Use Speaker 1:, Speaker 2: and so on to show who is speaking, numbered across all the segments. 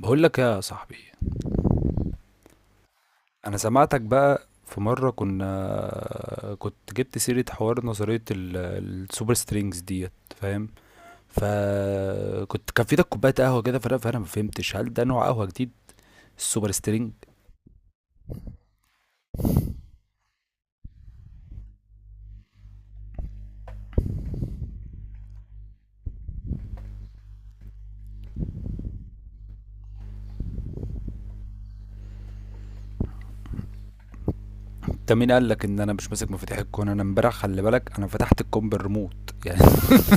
Speaker 1: بقول لك يا صاحبي، انا سمعتك بقى في مرة كنت جبت سيرة حوار نظرية السوبر سترينجز ديت، فاهم؟ فكنت كان في ايدك كوباية قهوة كده، فانا ما فهمتش هل ده نوع قهوة جديد، السوبر سترينج. انت مين قال لك ان انا مش ماسك مفاتيح الكون؟ انا امبارح خلي بالك انا فتحت الكون بالريموت يعني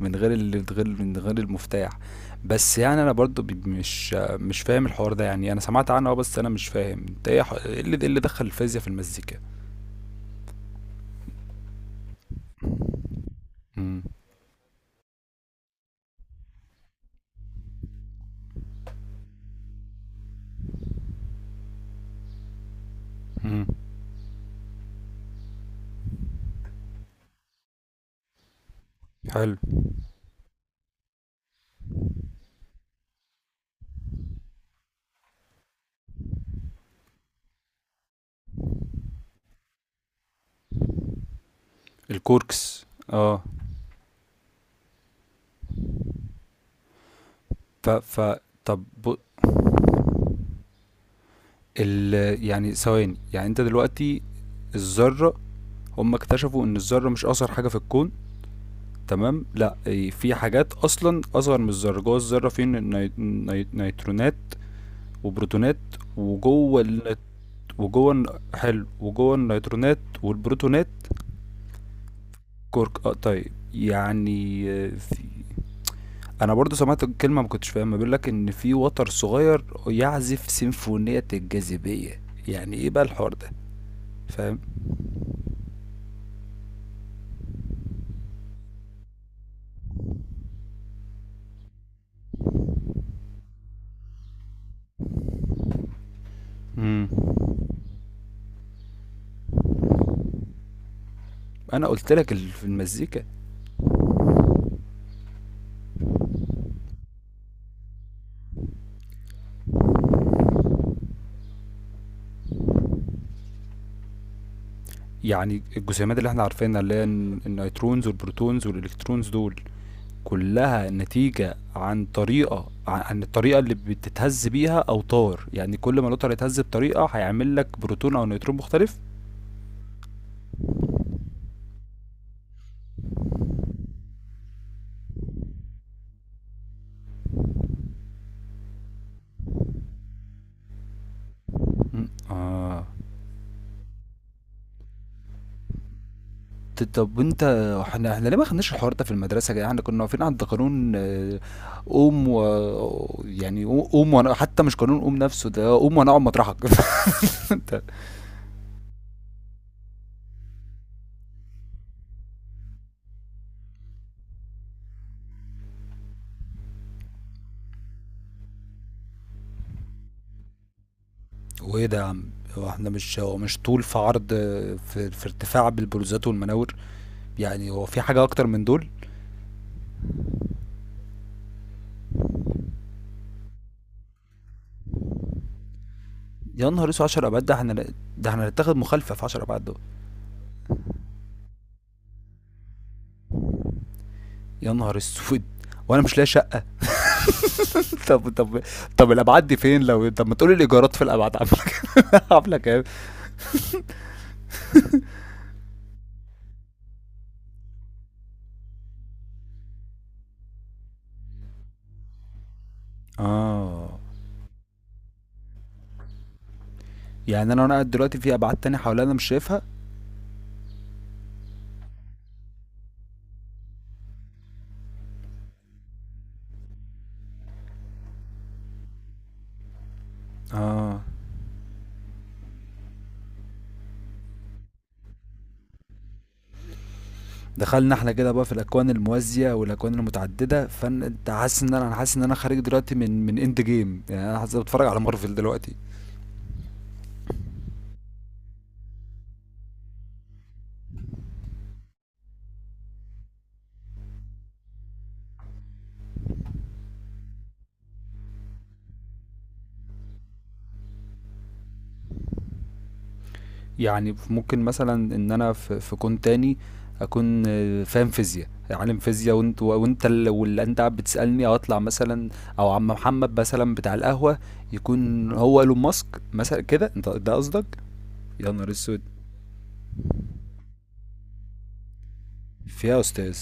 Speaker 1: من غير من غير المفتاح. بس يعني انا برضو مش فاهم الحوار ده. يعني انا سمعت عنه، اه، بس انا مش فاهم انت ايه إيه اللي دخل الفيزياء في المزيكا. امم. مم. حلو. الكوركس، اه. ف ف طب ال... يعني ثواني، يعني انت دلوقتي الذرة هم اكتشفوا ان الذرة مش اصغر حاجة في الكون، تمام، لا إيه، في حاجات اصلا اصغر من الذرة، جوه الذرة في نيترونات وبروتونات، وجوه وجوه حلو، وجوه النيترونات والبروتونات. كورك، اه، طيب. يعني آه، في، انا برضو سمعت كلمه ما كنتش فاهمها، بيقول لك ان في وتر صغير يعزف سيمفونيه الجاذبيه. يعني ايه بقى الحوار ده؟ فاهم؟ امم. انا قلت لك في المزيكا. يعني الجسيمات اللي احنا عارفينها، اللي هي النيوترونز والبروتونز والالكترونز دول، كلها نتيجة عن طريقة عن الطريقة اللي بتتهز بيها أوتار. يعني كل ما الأوتار يتهز بطريقة هيعمل لك بروتون أو نيوترون مختلف. مم. آه. طب وأنت، إحنا ليه ما خدناش الحوار ده في المدرسة يا جدعان؟ إحنا كنا واقفين عند قانون قوم و، يعني، قوم، وأنا حتى مش قانون قوم نفسه، ده قوم وأنا أقعد مطرحك فأنت، وإيه ده يا عم؟ هو إحنا مش، هو مش طول في عرض في في ارتفاع بالبروزات والمناور؟ يعني هو في حاجة أكتر من دول؟ يا نهار أسود! 10 أبعاد؟ ده إحنا ن ده إحنا هنتاخد مخالفة في 10 أبعاد دول. يا نهار أسود! وأنا مش لاقي شقة. طب طب الأبعاد دي فين؟ لو طب ما تقول لي الإيجارات في الأبعاد عاملة عاملة كام؟ آه. يعني انا وانا قاعد دلوقتي في ابعاد تانية حواليا انا مش شايفها؟ اه. دخلنا احنا كده بقى في الاكوان الموازيه والاكوان المتعدده. فانت حاسس ان انا، انا حاسس ان انا خارج دلوقتي من اند جيم، يعني انا حاسس بتفرج على مارفل دلوقتي. يعني ممكن مثلا ان انا في كون تاني اكون، آه، فاهم فيزياء، عالم فيزياء، وانت واللي انت قاعد بتسالني او اطلع مثلا، او عم محمد مثلا بتاع القهوه يكون هو ايلون ماسك مثلا، كده انت ده قصدك؟ يا نهار اسود. فيها يا استاذ.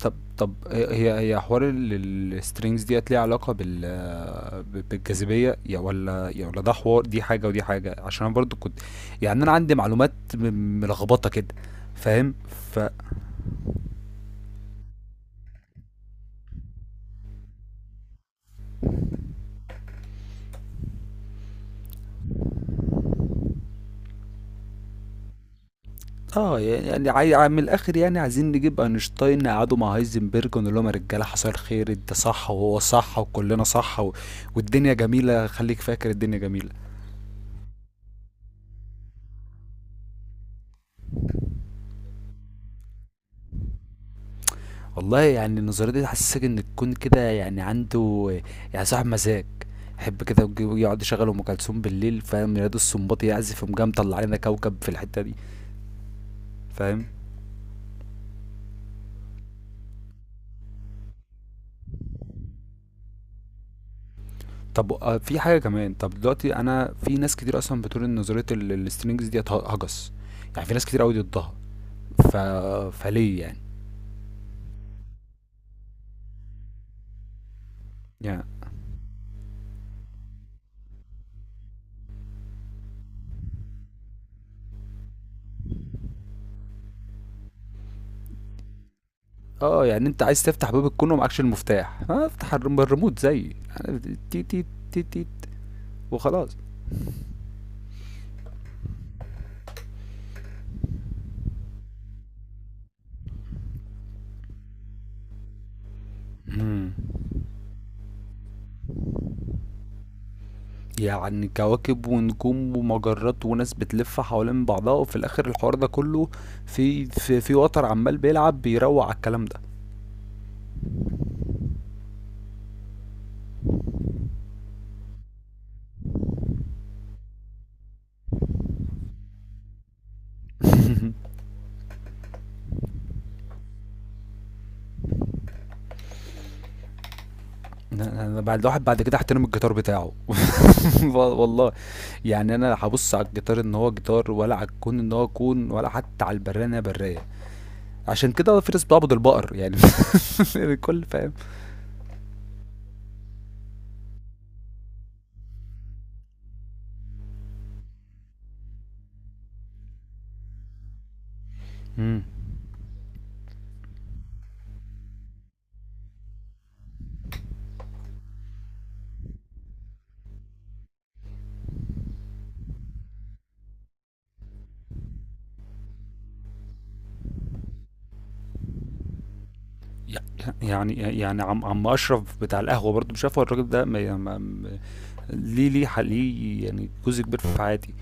Speaker 1: طب هي حوار السترينجز ديت ليها علاقة بالجاذبية يا ولا، يا ولا ده حوار، دي حاجة ودي حاجة؟ عشان انا برضو كنت، يعني انا عندي معلومات ملخبطة كده. فاهم؟ ف اه. يعني عاي- من الاخر، يعني عايزين نجيب اينشتاين نقعده مع هايزنبرج ونقول لهم يا رجاله حصل خير، انت صح وهو صح وكلنا صح، و... والدنيا جميله، خليك فاكر الدنيا جميله. والله يعني النظرية دي تحسسك ان الكون كده يعني عنده، يعني صاحب مزاج، يحب كده يقعد يشغل ام كلثوم بالليل، فاهم، ينادي السنباطي يعزف، يقوم جاي مطلع لنا كوكب في الحتة دي. فاهم؟ طب آه، في حاجة كمان. طب دلوقتي انا في ناس كتير اصلا بتقول ان نظرية السترينجز ديت هجس، يعني في ناس كتير قوي ضدها. ف... فليه يعني؟ يعني اه، يعني انت عايز تفتح باب الكون ومعكش المفتاح، آه، افتح الريموت زي، يعني، تي تي تي تي وخلاص. يعني كواكب ونجوم ومجرات وناس بتلف حوالين بعضها، وفي الاخر الحوار ده كله في وتر عمال بيلعب بيروق على الكلام ده. انا بعد الواحد بعد كده احترم الجيتار بتاعه والله. يعني انا هبص على الجيتار ان هو جيتار، ولا على الكون ان هو كون، ولا حتى على البرية ان هي برية؟ عشان كده فيرس بيعبد البقر يعني الكل فاهم. مم. يعني عم اشرف بتاع القهوه برضه، مش عارف هو الراجل ده ليه، ليه يعني جزء كبير في حياتي؟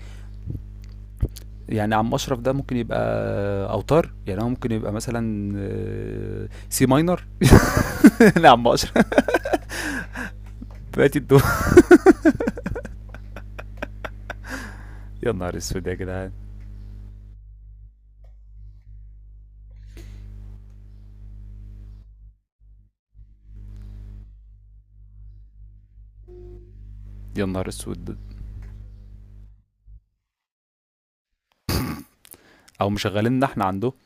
Speaker 1: يعني عم اشرف ده ممكن يبقى اوتار، يعني هو ممكن يبقى مثلا آه، سي ماينر لا عم اشرف بقيت الدور يا نهار اسود يا جدعان. يا نهار اسود. او مشغليننا احنا عنده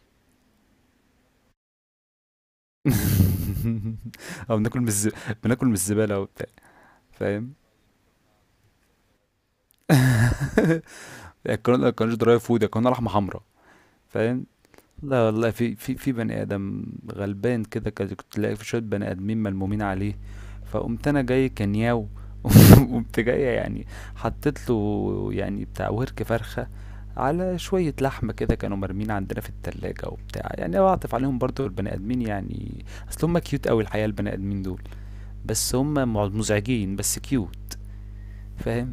Speaker 1: او بناكل بناكل من الزباله وبتاع، فاهم. القناه درايف فود، القناه لحمه حمراء، فاهم. لا والله، في في بني ادم غلبان كده، كده كنت تلاقي في شويه بني ادمين ملمومين عليه، فقمت انا جاي كنياو قمت جاي يعني حطيت له يعني بتاع ورك فرخه على شويه لحمه كده كانوا مرمين عندنا في التلاجة وبتاع. يعني بعطف عليهم برضو البني ادمين، يعني اصل هم كيوت قوي الحقيقه البني ادمين دول، بس هم مزعجين بس كيوت، فاهم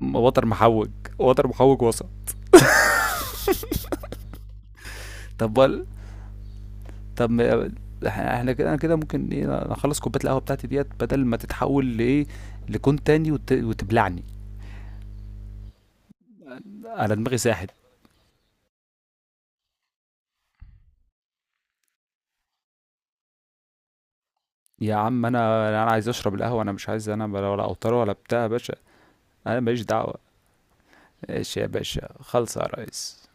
Speaker 1: وتر محوج وتر محوج وسط. طب طب ما- احنا كده، انا كده ممكن ايه اخلص كوبايه القهوه بتاعتي ديت بدل ما تتحول لايه، لكون تاني وتبلعني. انا دماغي ساحت. يا عم انا، عايز اشرب القهوه، انا مش عايز، انا ولا اوتر ولا بتاع يا باشا. انا ماليش دعوه. ماشي يا باشا، خلص يا ريس.